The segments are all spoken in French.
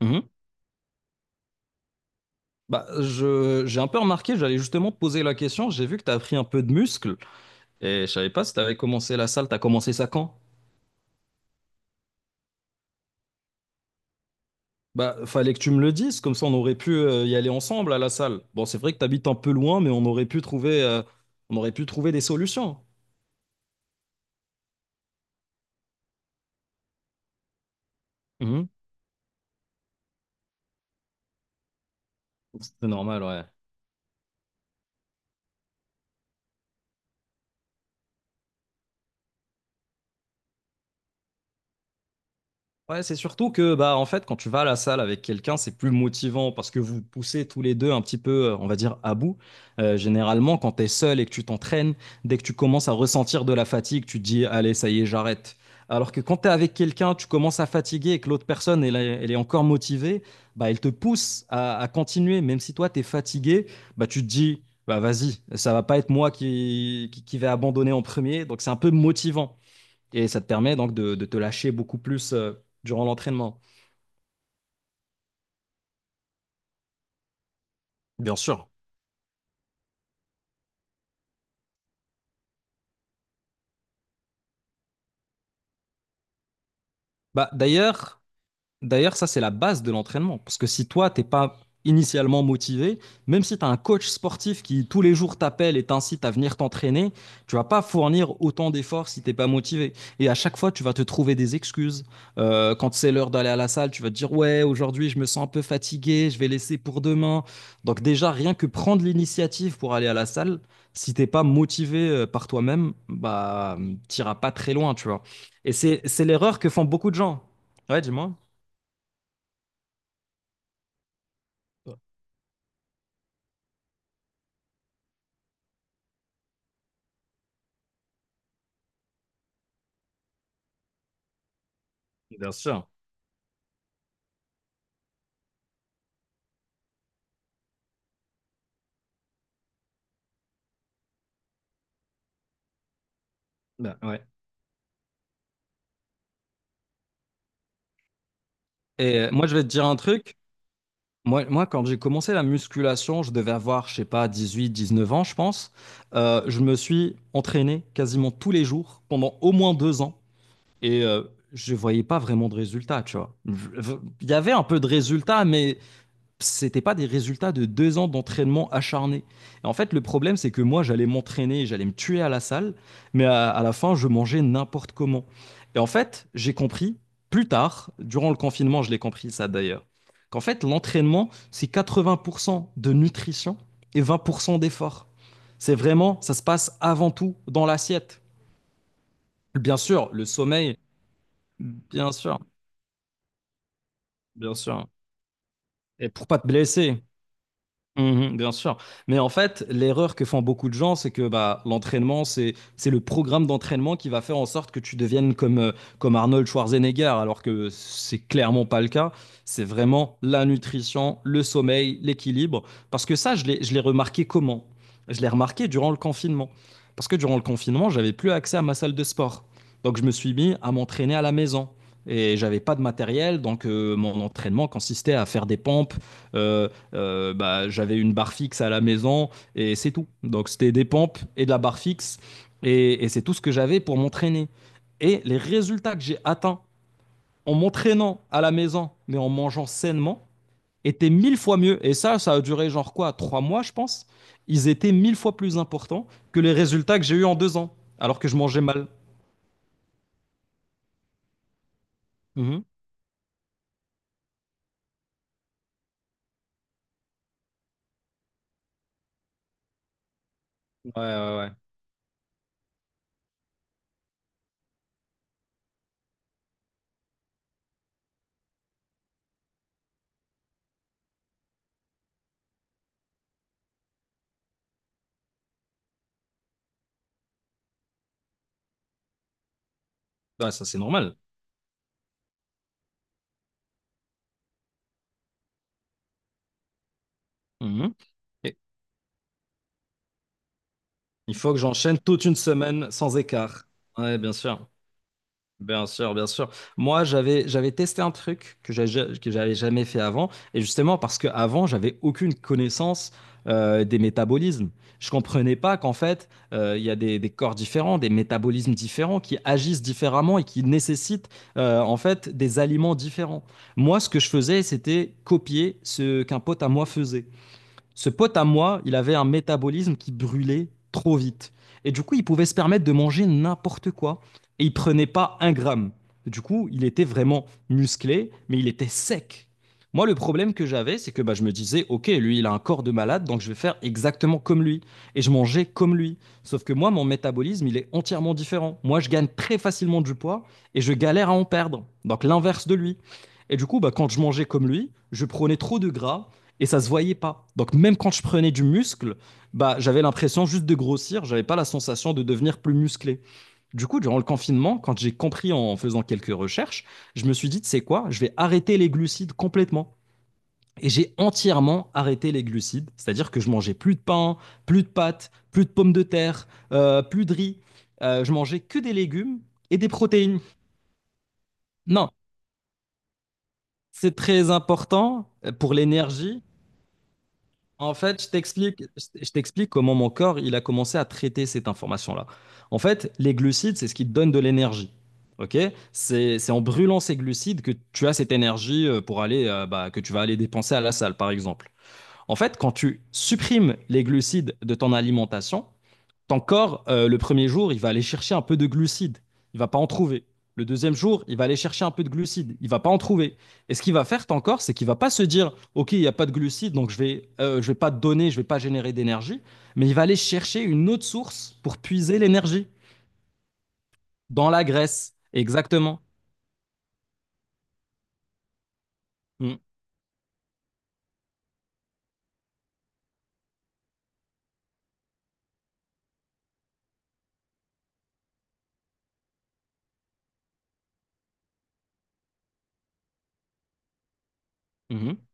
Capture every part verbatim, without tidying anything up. Mhm. Bah, je, j'ai un peu remarqué, j'allais justement te poser la question, j'ai vu que tu as pris un peu de muscle et je savais pas si tu avais commencé la salle, tu as commencé ça quand? Bah, fallait que tu me le dises, comme ça on aurait pu euh, y aller ensemble à la salle. Bon, c'est vrai que tu habites un peu loin, mais on aurait pu trouver, euh, on aurait pu trouver des solutions. Mhm. C'est normal, ouais. Ouais, c'est surtout que bah en fait quand tu vas à la salle avec quelqu'un, c'est plus motivant parce que vous poussez tous les deux un petit peu, euh, on va dire, à bout. Euh, généralement, quand tu es seul et que tu t'entraînes, dès que tu commences à ressentir de la fatigue, tu te dis allez, ça y est, j'arrête. Alors que quand tu es avec quelqu'un, tu commences à fatiguer et que l'autre personne elle, est elle est encore motivée, bah elle te pousse à, à continuer même si toi tu es fatigué, bah tu te dis bah vas-y, ça va pas être moi qui qui, qui vais abandonner en premier, donc c'est un peu motivant. Et ça te permet donc de, de te lâcher beaucoup plus euh, durant l'entraînement. Bien sûr. Bah, d'ailleurs, D'ailleurs, ça, c'est la base de l'entraînement. Parce que si toi, t'es pas initialement motivé, même si tu as un coach sportif qui tous les jours t'appelle et t'incite à venir t'entraîner, tu vas pas fournir autant d'efforts si t'es pas motivé. Et à chaque fois, tu vas te trouver des excuses. Euh, quand c'est l'heure d'aller à la salle, tu vas te dire, ouais, aujourd'hui, je me sens un peu fatigué, je vais laisser pour demain. Donc déjà, rien que prendre l'initiative pour aller à la salle, si t'es pas motivé euh, par toi-même, bah, euh, t'iras pas très loin, tu vois. Et c'est, c'est l'erreur que font beaucoup de gens. Ouais, dis-moi. Bien sûr. Ben, ouais. Et euh, moi, je vais te dire un truc. Moi, moi quand j'ai commencé la musculation, je devais avoir, je sais pas, dix-huit, dix-neuf ans, je pense. Euh, je me suis entraîné quasiment tous les jours pendant au moins deux ans. Et euh, je voyais pas vraiment de résultats, tu vois. Je- je- Il y avait un peu de résultats, mais c'était pas des résultats de deux ans d'entraînement acharné. Et en fait, le problème, c'est que moi, j'allais m'entraîner, j'allais me tuer à la salle, mais à, à la fin, je mangeais n'importe comment. Et en fait, j'ai compris plus tard, durant le confinement, je l'ai compris ça d'ailleurs, qu'en fait, l'entraînement, c'est quatre-vingts pour cent de nutrition et vingt pour cent d'effort. C'est vraiment, ça se passe avant tout dans l'assiette. Bien sûr, le sommeil, bien sûr, bien sûr. Et pour pas te blesser, mhm, bien sûr. Mais en fait, l'erreur que font beaucoup de gens, c'est que bah, l'entraînement, c'est, c'est le programme d'entraînement qui va faire en sorte que tu deviennes comme, euh, comme Arnold Schwarzenegger, alors que c'est clairement pas le cas. C'est vraiment la nutrition, le sommeil, l'équilibre. Parce que ça, je l'ai, je l'ai remarqué comment? Je l'ai remarqué durant le confinement. Parce que durant le confinement, j'avais plus accès à ma salle de sport. Donc, je me suis mis à m'entraîner à la maison. Et j'avais pas de matériel, donc euh, mon entraînement consistait à faire des pompes, euh, euh, bah, j'avais une barre fixe à la maison et c'est tout. Donc c'était des pompes et de la barre fixe et, et c'est tout ce que j'avais pour m'entraîner. Et les résultats que j'ai atteints en m'entraînant à la maison mais en mangeant sainement étaient mille fois mieux. Et ça, ça a duré genre quoi, trois mois je pense. Ils étaient mille fois plus importants que les résultats que j'ai eu en deux ans alors que je mangeais mal. Mhm. Ouais, ouais, ouais. Ouais, ça c'est normal. Mhm. Et il faut que j'enchaîne toute une semaine sans écart. Ouais, bien sûr. Bien sûr, bien sûr. Moi, j'avais j'avais testé un truc que j'a- ja- que j'avais jamais fait avant, et justement parce que avant j'avais aucune connaissance euh, des métabolismes. Je comprenais pas qu'en fait euh, il y a des, des corps différents, des métabolismes différents qui agissent différemment et qui nécessitent euh, en fait des aliments différents. Moi, ce que je faisais, c'était copier ce qu'un pote à moi faisait. Ce pote à moi, il avait un métabolisme qui brûlait trop vite. Et du coup, il pouvait se permettre de manger n'importe quoi. Et il prenait pas un gramme. Du coup, il était vraiment musclé, mais il était sec. Moi, le problème que j'avais, c'est que bah, je me disais, OK, lui, il a un corps de malade, donc je vais faire exactement comme lui. Et je mangeais comme lui. Sauf que moi, mon métabolisme, il est entièrement différent. Moi, je gagne très facilement du poids et je galère à en perdre. Donc l'inverse de lui. Et du coup, bah, quand je mangeais comme lui, je prenais trop de gras et ça se voyait pas. Donc même quand je prenais du muscle, bah j'avais l'impression juste de grossir, j'avais pas la sensation de devenir plus musclé. Du coup, durant le confinement, quand j'ai compris en faisant quelques recherches, je me suis dit, c'est quoi. Je vais arrêter les glucides complètement. Et j'ai entièrement arrêté les glucides, c'est-à-dire que je mangeais plus de pain, plus de pâtes, plus de pommes de terre, euh, plus de riz. Euh, je mangeais que des légumes et des protéines. Non, c'est très important euh, pour l'énergie. En fait, je t'explique, je t'explique comment mon corps il a commencé à traiter cette information-là. En fait, les glucides, c'est ce qui te donne de l'énergie. Ok? C'est, c'est en brûlant ces glucides que tu as cette énergie euh, pour aller, euh, bah, que tu vas aller dépenser à la salle, par exemple. En fait, quand tu supprimes les glucides de ton alimentation, ton corps, euh, le premier jour, il va aller chercher un peu de glucides. Il va pas en trouver. Le deuxième jour, il va aller chercher un peu de glucides. Il va pas en trouver. Et ce qu'il va faire, ton corps, c'est qu'il va pas se dire, OK, il n'y a pas de glucides, donc je vais, euh, je vais pas te donner, je vais pas générer d'énergie. Mais il va aller chercher une autre source pour puiser l'énergie dans la graisse. Exactement. Mhm. Mhm.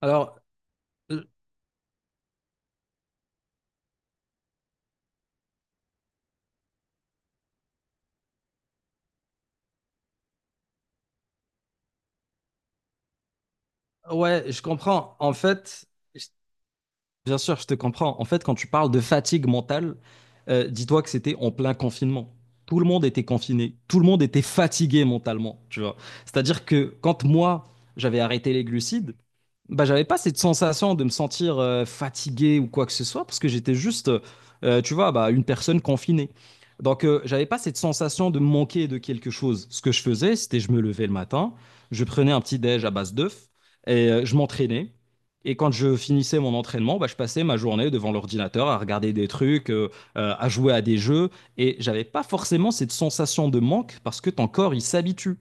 Alors, euh, ouais, je comprends. En fait, je- Bien sûr, je te comprends. En fait, quand tu parles de fatigue mentale, euh, dis-toi que c'était en plein confinement. Tout le monde était confiné, tout le monde était fatigué mentalement, tu vois. C'est-à-dire que quand moi, j'avais arrêté les glucides, bah, j'avais pas cette sensation de me sentir euh, fatigué ou quoi que ce soit, parce que j'étais juste, euh, tu vois, bah, une personne confinée. Donc, euh, j'avais pas cette sensation de me manquer de quelque chose. Ce que je faisais, c'était je me levais le matin, je prenais un petit déj à base d'œufs et euh, je m'entraînais. Et quand je finissais mon entraînement, bah, je passais ma journée devant l'ordinateur à regarder des trucs, euh, euh, à jouer à des jeux. Et j'avais pas forcément cette sensation de manque parce que ton corps, il s'habitue.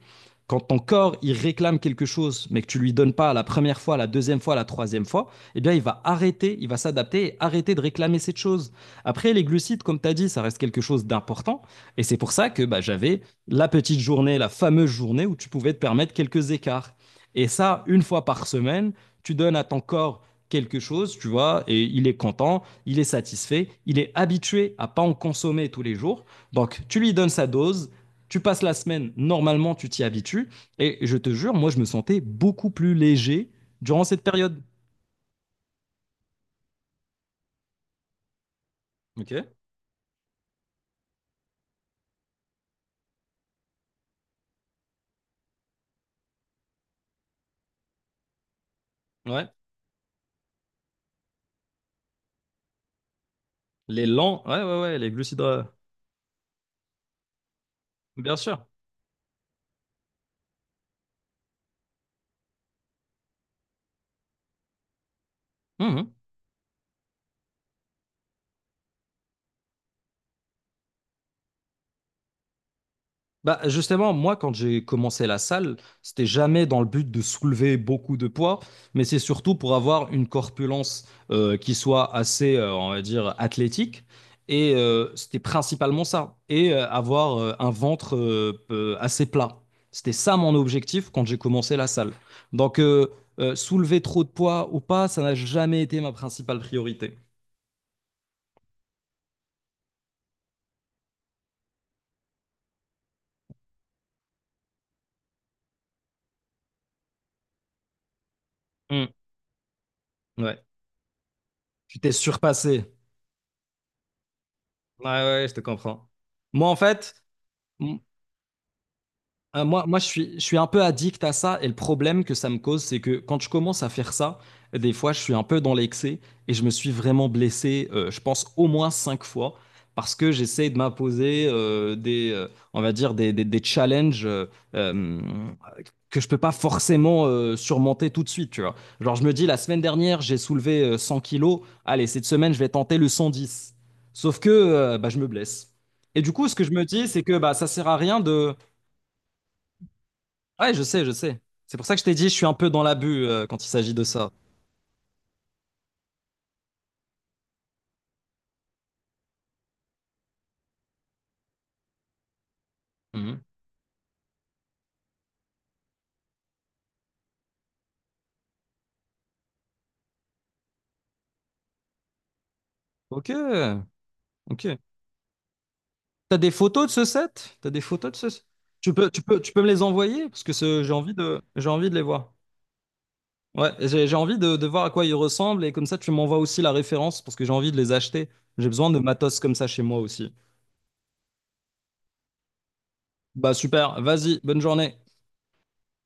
Quand ton corps, il réclame quelque chose, mais que tu lui donnes pas la première fois, la deuxième fois, la troisième fois, eh bien, il va arrêter, il va s'adapter et arrêter de réclamer cette chose. Après, les glucides, comme tu as dit, ça reste quelque chose d'important. Et c'est pour ça que bah, j'avais la petite journée, la fameuse journée où tu pouvais te permettre quelques écarts. Et ça, une fois par semaine, tu donnes à ton corps quelque chose, tu vois, et il est content, il est satisfait, il est habitué à pas en consommer tous les jours. Donc, tu lui donnes sa dose, tu passes la semaine, normalement, tu t'y habitues. Et je te jure, moi, je me sentais beaucoup plus léger durant cette période. Ok, ouais. Les lents, ouais, ouais, ouais, les glucides, euh, bien sûr. Mhm. Bah, justement, moi, quand j'ai commencé la salle, c'était jamais dans le but de soulever beaucoup de poids, mais c'est surtout pour avoir une corpulence euh, qui soit assez, euh, on va dire, athlétique. Et euh, c'était principalement ça. Et euh, avoir euh, un ventre euh, euh, assez plat. C'était ça mon objectif quand j'ai commencé la salle. Donc, euh, euh, soulever trop de poids ou pas, ça n'a jamais été ma principale priorité. Hmm. Ouais. Tu t'es surpassé. Ouais, ouais, je te comprends. Moi, en fait. m- Euh, moi, moi je suis, je suis un peu addict à ça et le problème que ça me cause, c'est que quand je commence à faire ça, des fois, je suis un peu dans l'excès et je me suis vraiment blessé, euh, je pense, au moins cinq fois parce que j'essaie de m'imposer euh, des, euh, on va dire, des, des- des challenges euh, euh, que je peux pas forcément euh, surmonter tout de suite, tu vois. Genre, je me dis, la semaine dernière, j'ai soulevé euh, cent kilos, allez, cette semaine, je vais tenter le cent dix. Sauf que euh, bah, je me blesse. Et du coup, ce que je me dis, c'est que bah, ça sert à rien de. Ouais, je sais, je sais, C'est pour ça que je t'ai dit, je suis un peu dans l'abus euh, quand il s'agit de ça. Mhm. Ok, ok. T'as des photos de ce set? T'as des photos de ce Tu peux, tu peux, tu peux me les envoyer parce que ce- j'ai envie de, j'ai envie de les voir. Ouais, j'ai j'ai envie de, de voir à quoi ils ressemblent et comme ça tu m'envoies aussi la référence parce que j'ai envie de les acheter. J'ai besoin de matos comme ça chez moi aussi. Bah super, vas-y, bonne journée.